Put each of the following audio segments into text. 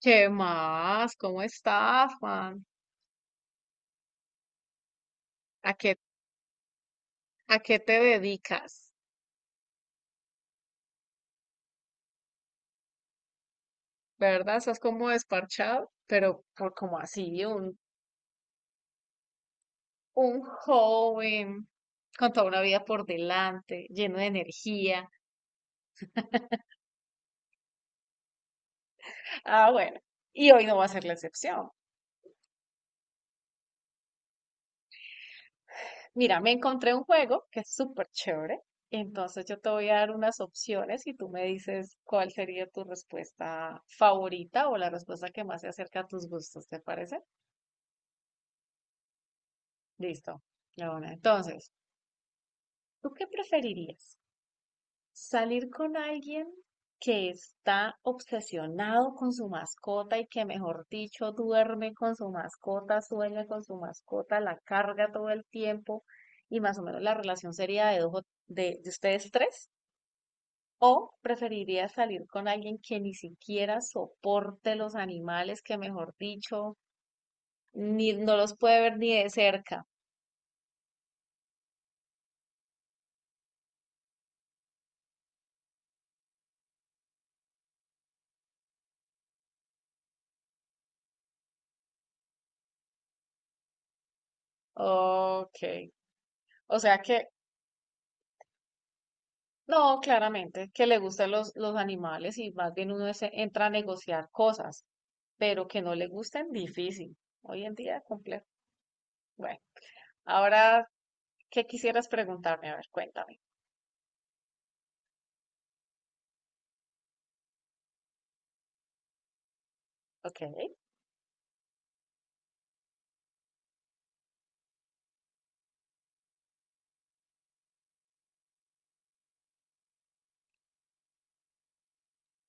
¿Qué más? ¿Cómo estás, Juan? ¿A qué, ¿A qué te dedicas? ¿Verdad? Estás como desparchado, pero por como así, un joven con toda una vida por delante, lleno de energía. Ah, bueno, y hoy no va a ser la excepción. Mira, me encontré un juego que es súper chévere. Entonces yo te voy a dar unas opciones y tú me dices cuál sería tu respuesta favorita o la respuesta que más se acerca a tus gustos, ¿te parece? Listo. Ya, bueno, entonces, ¿tú qué preferirías? ¿Salir con alguien que está obsesionado con su mascota y que, mejor dicho, duerme con su mascota, sueña con su mascota, la carga todo el tiempo y más o menos la relación sería de ustedes tres? ¿O preferirías salir con alguien que ni siquiera soporte los animales, que, mejor dicho, ni, no los puede ver ni de cerca? Ok. O sea que no, claramente, que le gustan los animales y más bien uno se entra a negociar cosas, pero que no le gusten, difícil. Hoy en día, complejo. Bueno, ahora, ¿qué quisieras preguntarme? A ver, cuéntame. Ok.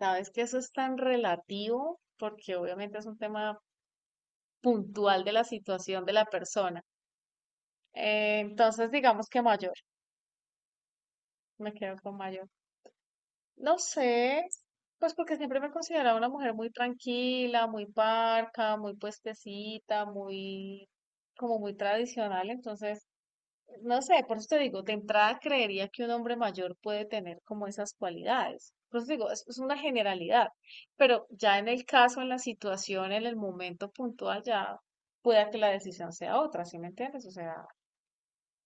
Sabes que eso es tan relativo porque obviamente es un tema puntual de la situación de la persona. Entonces, digamos que mayor, me quedo con mayor. No sé, pues porque siempre me he considerado una mujer muy tranquila, muy parca, muy puestecita, muy, como muy tradicional. Entonces, no sé, por eso te digo, de entrada creería que un hombre mayor puede tener como esas cualidades. Por eso te digo, es una generalidad. Pero ya en el caso, en la situación, en el momento puntual, ya pueda que la decisión sea otra, ¿sí me entiendes? O sea,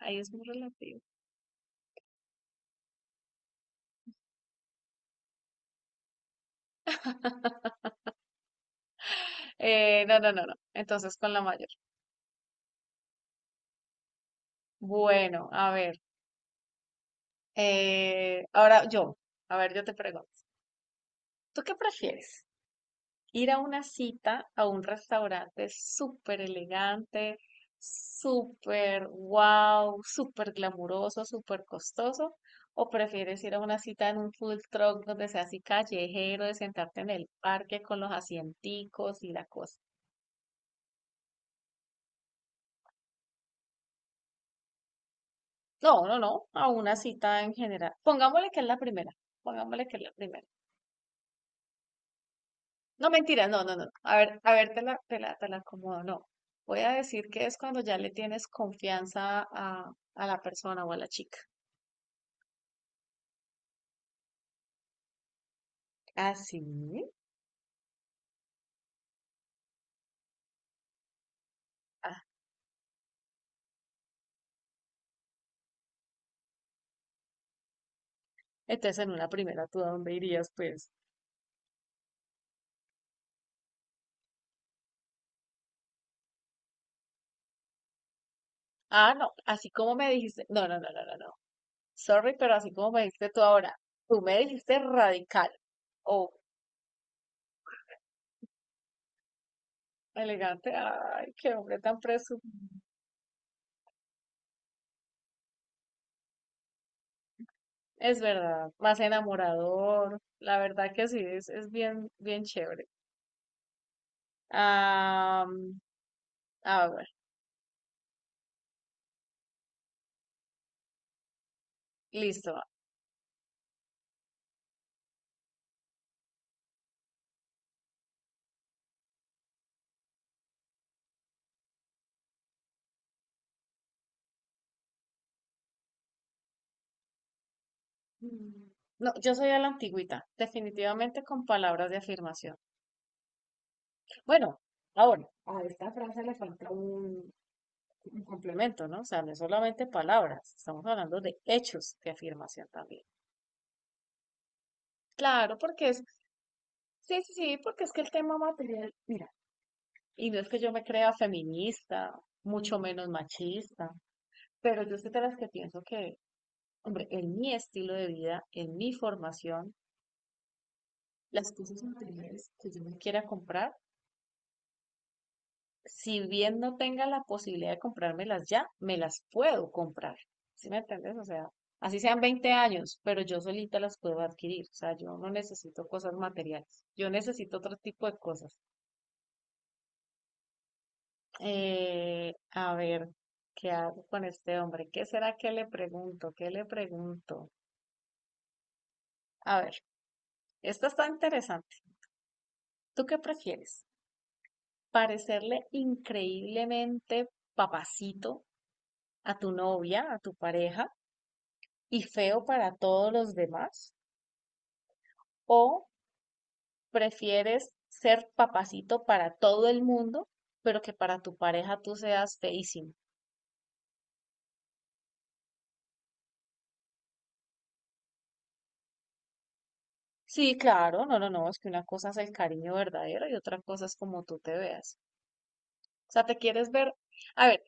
ahí es muy relativo. No, no, no, no. Entonces, con la mayor. Bueno, a ver. Eh, ahora yo, a ver, yo te pregunto, ¿tú qué prefieres? ¿Ir a una cita a un restaurante súper elegante, súper wow, súper glamuroso, súper costoso? ¿O prefieres ir a una cita en un food truck donde sea así callejero, de sentarte en el parque con los asienticos y la cosa? No, no, no, a una cita en general. Pongámosle que es la primera, pongámosle que es la primera. No, mentira, no, no, no. A ver, te la acomodo. No. Voy a decir que es cuando ya le tienes confianza a la persona o a la chica. Ah, sí. Ah, entonces en una primera, ¿tú a dónde irías, pues? Ah, no, así como me dijiste. No, no, no, no, no, no. Sorry, pero así como me dijiste tú ahora. Tú me dijiste radical. Oh, elegante. Ay, qué hombre tan presumido. Es verdad, más enamorador. La verdad que sí, es bien, bien chévere. Ah. A ver, listo. No, yo soy a la antigüita, definitivamente con palabras de afirmación. Bueno, ahora, a esta frase le falta un complemento, ¿no? O sea, no es solamente palabras, estamos hablando de hechos de afirmación también. Claro, porque es, sí, sí, sí, porque es que el tema material, mira, y no es que yo me crea feminista, mucho menos machista, pero yo soy de las que pienso que, hombre, en mi estilo de vida, en mi formación, las cosas materiales que yo me quiera comprar, si bien no tenga la posibilidad de comprármelas ya, me las puedo comprar. ¿Sí me entiendes? O sea, así sean 20 años, pero yo solita las puedo adquirir. O sea, yo no necesito cosas materiales. Yo necesito otro tipo de cosas. A ver, ¿qué hago con este hombre? ¿Qué será que le pregunto? ¿Qué le pregunto? A ver, esta está interesante. ¿Tú qué prefieres? ¿Parecerle increíblemente papacito a tu novia, a tu pareja y feo para todos los demás? ¿O prefieres ser papacito para todo el mundo, pero que para tu pareja tú seas feísimo? Sí, claro, no, no, no, es que una cosa es el cariño verdadero y otra cosa es como tú te veas. O sea, te quieres ver. A ver,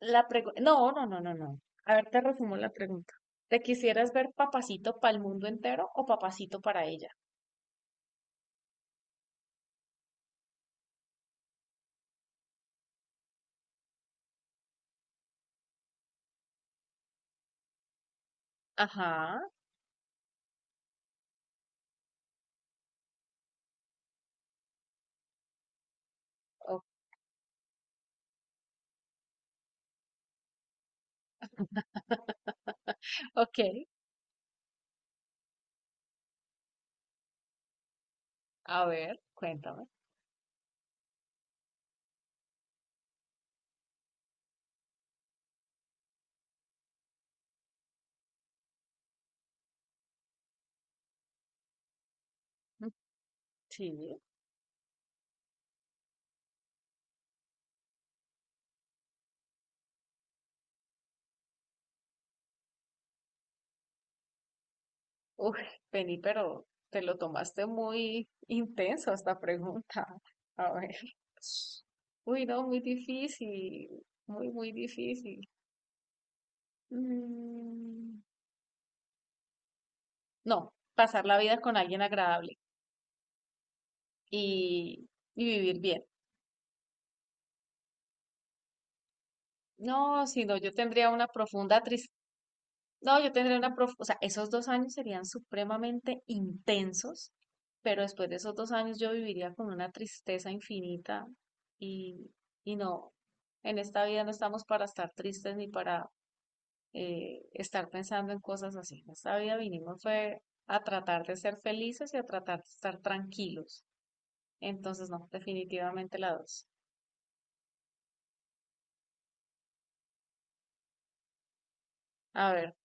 la pregunta. No, no, no, no, no. A ver, te resumo la pregunta. ¿Te quisieras ver papacito para el mundo entero o papacito para ella? Ajá, o- ok. A ver, cuéntame. Sí, uy, Penny, pero te lo tomaste muy intenso esta pregunta. A ver. Uy, no, muy difícil. Muy, muy difícil. Mm, no, pasar la vida con alguien agradable y, y vivir bien. No, sino yo tendría una profunda tristeza. No, yo tendría una prof, o sea, esos 2 años serían supremamente intensos, pero después de esos 2 años yo viviría con una tristeza infinita y, y no, en esta vida no estamos para estar tristes ni para estar pensando en cosas así. En esta vida vinimos fue a tratar de ser felices y a tratar de estar tranquilos. Entonces, no, definitivamente la dos. A ver,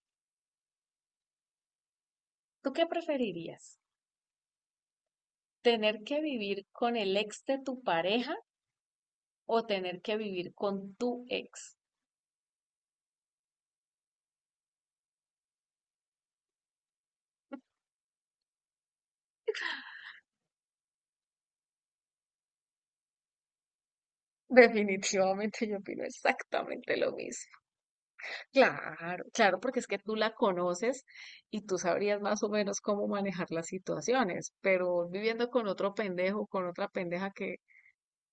¿tú qué preferirías? ¿Tener que vivir con el ex de tu pareja o tener que vivir con tu ex? Definitivamente yo opino exactamente lo mismo. Claro, claro, porque es que tú la conoces y tú sabrías más o menos cómo manejar las situaciones, pero viviendo con otro pendejo, con otra pendeja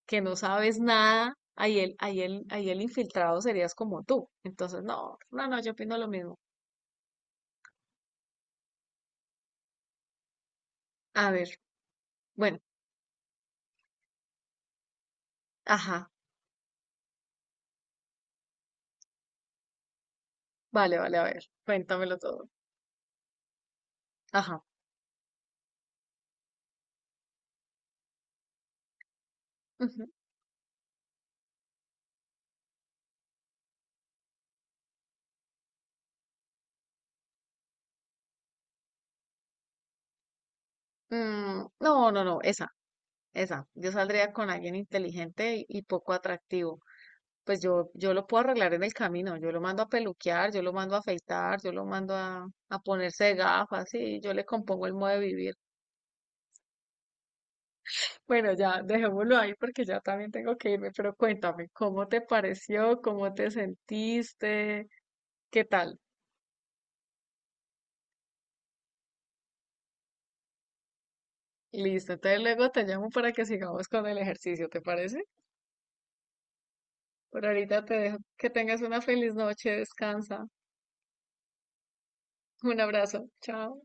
que no sabes nada, ahí el infiltrado serías como tú. Entonces, no, no, no, yo opino lo mismo. A ver, bueno, ajá, vale, vale, a ver, cuéntamelo todo. Ajá. Ujú. Mm, no, no, no, esa. Esa, yo saldría con alguien inteligente y poco atractivo. Yo lo puedo arreglar en el camino, yo lo mando a peluquear, yo lo mando a afeitar, yo lo mando a ponerse gafas, y yo le compongo el modo de vivir. Bueno, ya dejémoslo ahí porque ya también tengo que irme, pero cuéntame, ¿cómo te pareció? ¿Cómo te sentiste? ¿Qué tal? Listo, entonces luego te llamo para que sigamos con el ejercicio, ¿te parece? Por ahorita te dejo que tengas una feliz noche, descansa. Un abrazo, chao.